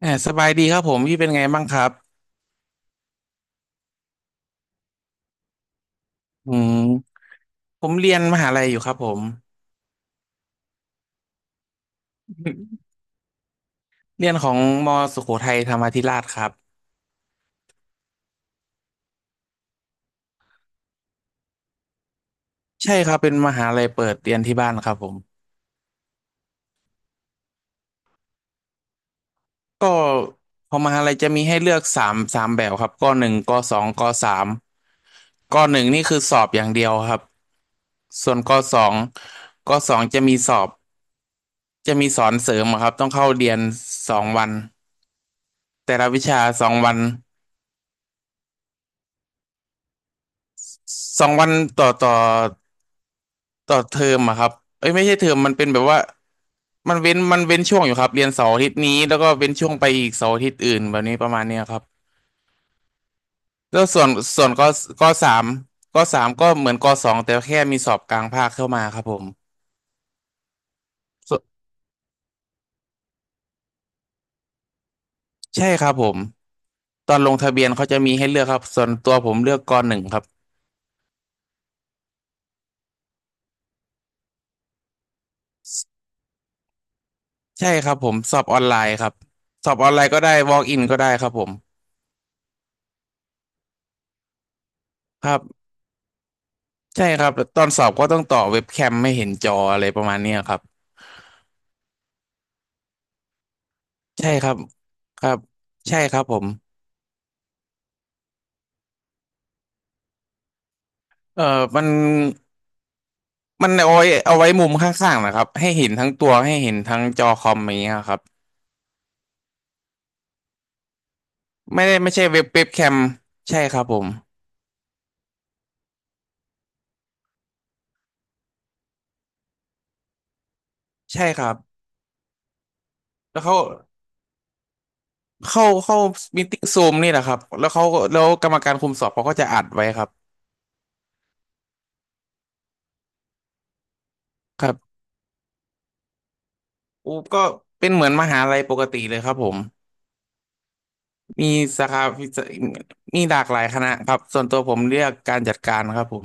เออสบายดีครับผมพี่เป็นไงบ้างครับอืมผมเรียนมหาลัยอยู่ครับผม เรียนของมสุโขทัยธรรมาธิราชครับใช่ครับเป็นมหาลัยเปิดเรียนที่บ้านครับผมก็ของมหาลัยจะมีให้เลือกสามแบบครับกหนึ่งกสองกสามกหนึ่งนี่คือสอบอย่างเดียวครับส่วนกสองจะมีสอนเสริมอะครับต้องเข้าเรียนสองวันแต่ละวิชาสองวันสองวันต่อต่อ ต่อเทอมอะครับเอ้ยไม่ใช่เทอมมันเป็นแบบว่ามันเว้นช่วงอยู่ครับเรียนเสาร์อาทิตย์นี้แล้วก็เว้นช่วงไปอีกเสาร์อาทิตย์อื่นแบบนี้ประมาณเนี้ยครับแล้วส่วนส่วนกกสามกสามก็เหมือนกสองแต่แค่มีสอบกลางภาคเข้ามาครับผมสนใช่ครับผมตอนลงทะเบียนเขาจะมีให้เลือกครับส่วนตัวผมเลือกกหนึ่งครับใช่ครับผมสอบออนไลน์ครับสอบออนไลน์ก็ได้ walk in ก็ได้ครับผมครับใช่ครับตอนสอบก็ต้องต่อเว็บแคมไม่เห็นจออะไรประมาณเนี้ยครับ ใช่ครับครับใช่ครับผมเอ่อมันมันเอาไว้มุมข้างๆนะครับให้เห็นทั้งตัวให้เห็นทั้งจอคอมอย่างเงี้ยครับไม่ได้ไม่ใช่เว็บแคมใช่ครับผมใช่ครับแล้วเขาเข้าเข้ามีติ้งซูมนี่แหละครับแล้วกรรมการคุมสอบเขาก็จะอัดไว้ครับครับอูก็เป็นเหมือนมหาลัยปกติเลยครับผมมีสาขามีหลากหลายคณะครับส่วนตัวผมเลือกการจัดการครับผม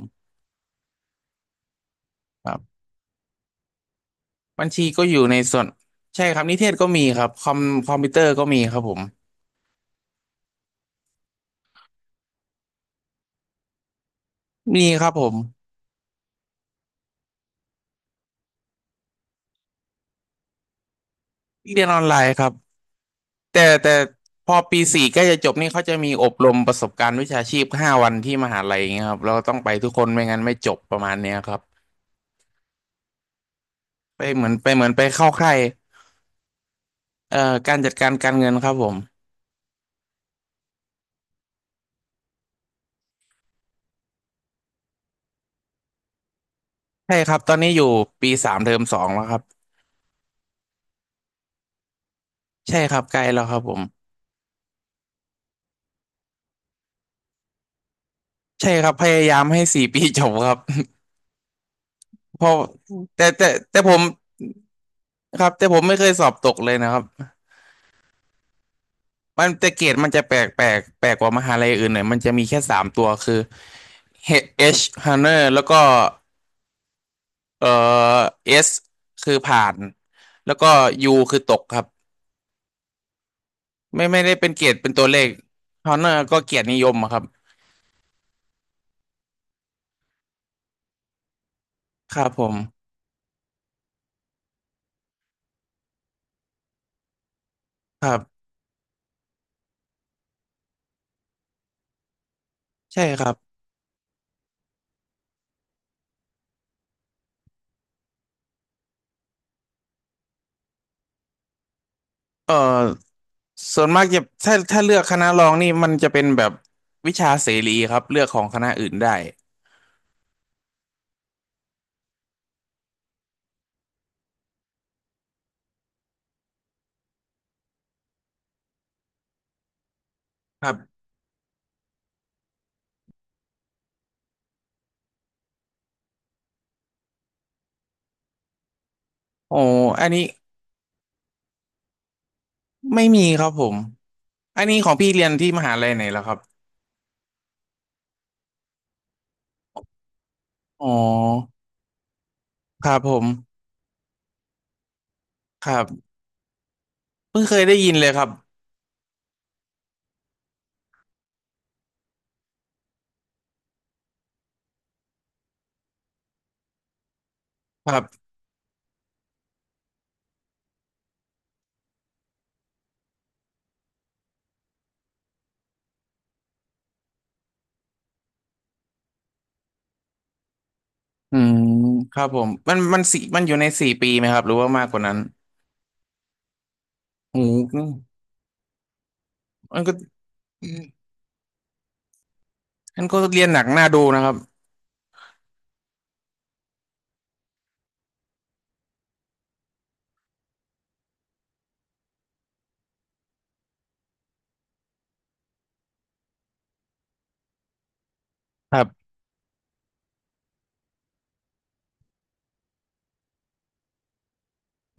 ครับ บัญชีก็อยู่ในส่วนใช่ครับนิเทศก็มีครับคอมพิวเตอร์ก็มีครับผมมีครับผมเรียนออนไลน์ครับแต่พอปีสี่ใกล้จะจบนี่เขาจะมีอบรมประสบการณ์วิชาชีพห้าวันที่มหาลัยอย่างเงี้ยครับเราต้องไปทุกคนไม่งั้นไม่จบประมาณเนี้ยครับไปเหมือนไปเหมือนไปเข้าค่ายการจัดการการเงินครับผมใช่ครับตอนนี้อยู่ปีสามเทอมสองแล้วครับใช่ครับใกล้แล้วครับผมใช่ครับพยายามให้สี่ ปีจบครับ เพราะแต่แต่แต่ผม ครับแต่ผมไม่เคยสอบตกเลยนะครับมันแต่เกรดมันจะแปลกกว่ามหาลัยอื่นหน่อยมันจะมีแค่สามตัวคือ H Honor แล้วก็เอ่อ S คือผ่านแล้วก็ U คือตกครับไม่ได้เป็นเกรดเป็นตัวเลข Honor ก็เกียรตินิยมอะครับครับผมครับใช่ครับเอ่อส่วนมากจะถ้าเลือกคณะรองนี่มันจะเป็นแบบวิชาเสรีครับเลือกของคณะอื่นได้ครับโอ้อันนี้ไม่มีครับผม อันนี้ของพี่เรียนที่มหาลัยไหนแล้วครับอ๋อครับผมครับเพิ่งเคยได้ยินเลยครับครับอืมครับผมมันสี่มันอยู่ในสี่ปีไหมครับหรือว่ามากกว่านั้นโอ้โหมันก็อืมมันก็เรียนหนักหน้าดูนะครับครับ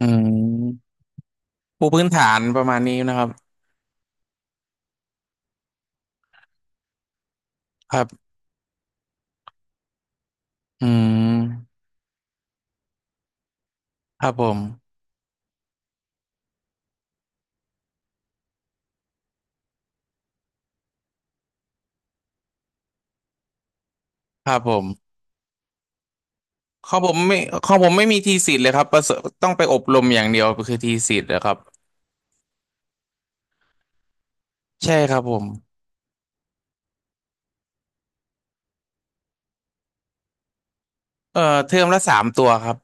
อืมปูพื้นฐานประมาณนี้นะครับ ครับอืมครับผมครับผมของผมไม่ของผมไม่มีทีสิทธิ์เลยครับประเสริฐต้องไปอบรมอย่างเดียวคือทีสิทธิ์นะครับใช่ครับผมเอ่อเทอมละสามตัวครับ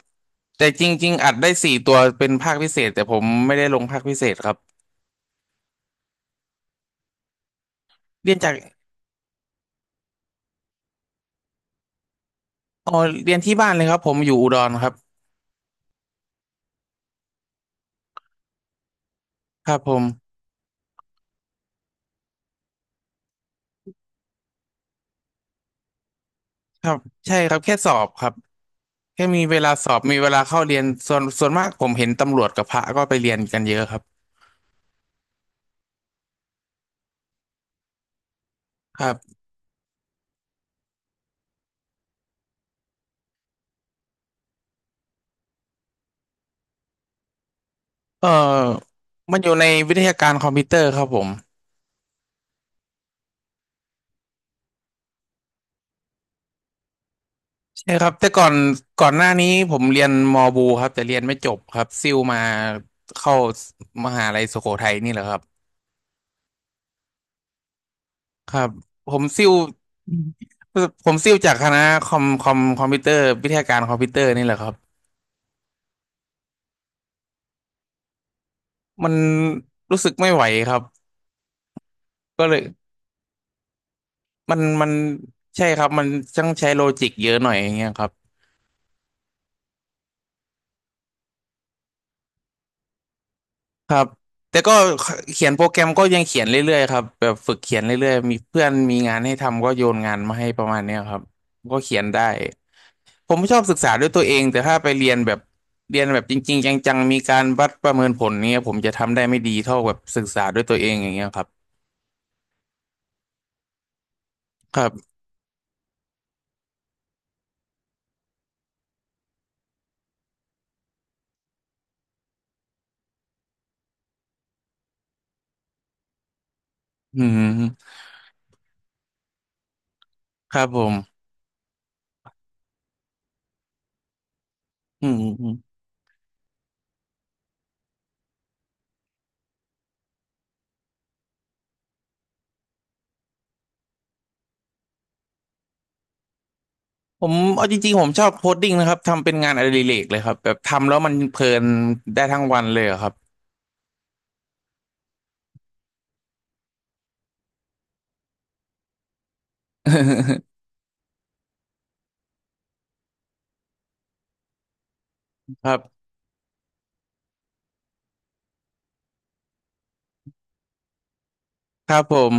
แต่จริงๆอัดได้สี่ตัวเป็นภาคพิเศษแต่ผมไม่ได้ลงภาคพิเศษครับเรียนจากอ๋อเรียนที่บ้านเลยครับผมอยู่อุดรครับครับผมครับใช่ครับแค่สอบครับแค่มีเวลาสอบมีเวลาเข้าเรียนส่วนมากผมเห็นตำรวจกับพระก็ไปเรียนกันเยอะครับครับเอ่อมันอยู่ในวิทยาการคอมพิวเตอร์ครับผมใช่ครับแต่ก่อนก่อนหน้านี้ผมเรียนมอบูครับแต่เรียนไม่จบครับซิ่วมาเข้ามหาลัยสุโขทัยนี่แหละครับ ครับผมซิ่วผมซิ่วจากคณะคอมพิวเตอร์วิทยาการคอมพิวเตอร์นี่แหละครับมันรู้สึกไม่ไหวครับก็เลยมันใช่ครับมันต้องใช้โลจิกเยอะหน่อยอย่างเงี้ยครับครับแต่ก็เขียนโปรแกรมก็ยังเขียนเรื่อยๆครับแบบฝึกเขียนเรื่อยๆมีเพื่อนมีงานให้ทำก็โยนงานมาให้ประมาณเนี้ยครับก็เขียนได้ ผมชอบศึกษาด้วยตัวเองแต่ถ้าไปเรียนแบบเรียนแบบจริงๆจังๆมีการวัดประเมินผลเนี้ยผมจะทำได้ไม่ดีเท่าแบบศึกษาด้วยตัวเองอย่างเงี้ยครับครับอืมครับผมอืมอืมผมเอาจริงๆผมชอบโคดดิ้งนะครับทำเป็นงานอดิเรกเลยครับแบบทำแล้วมันเพลินได้ทั้งวันเลยอะครับ ครับครับผม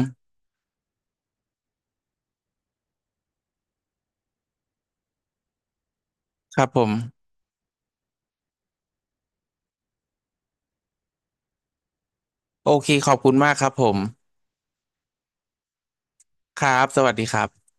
ครับผมโอเคขอบคุณมากครับผมครับสวัสดีครับ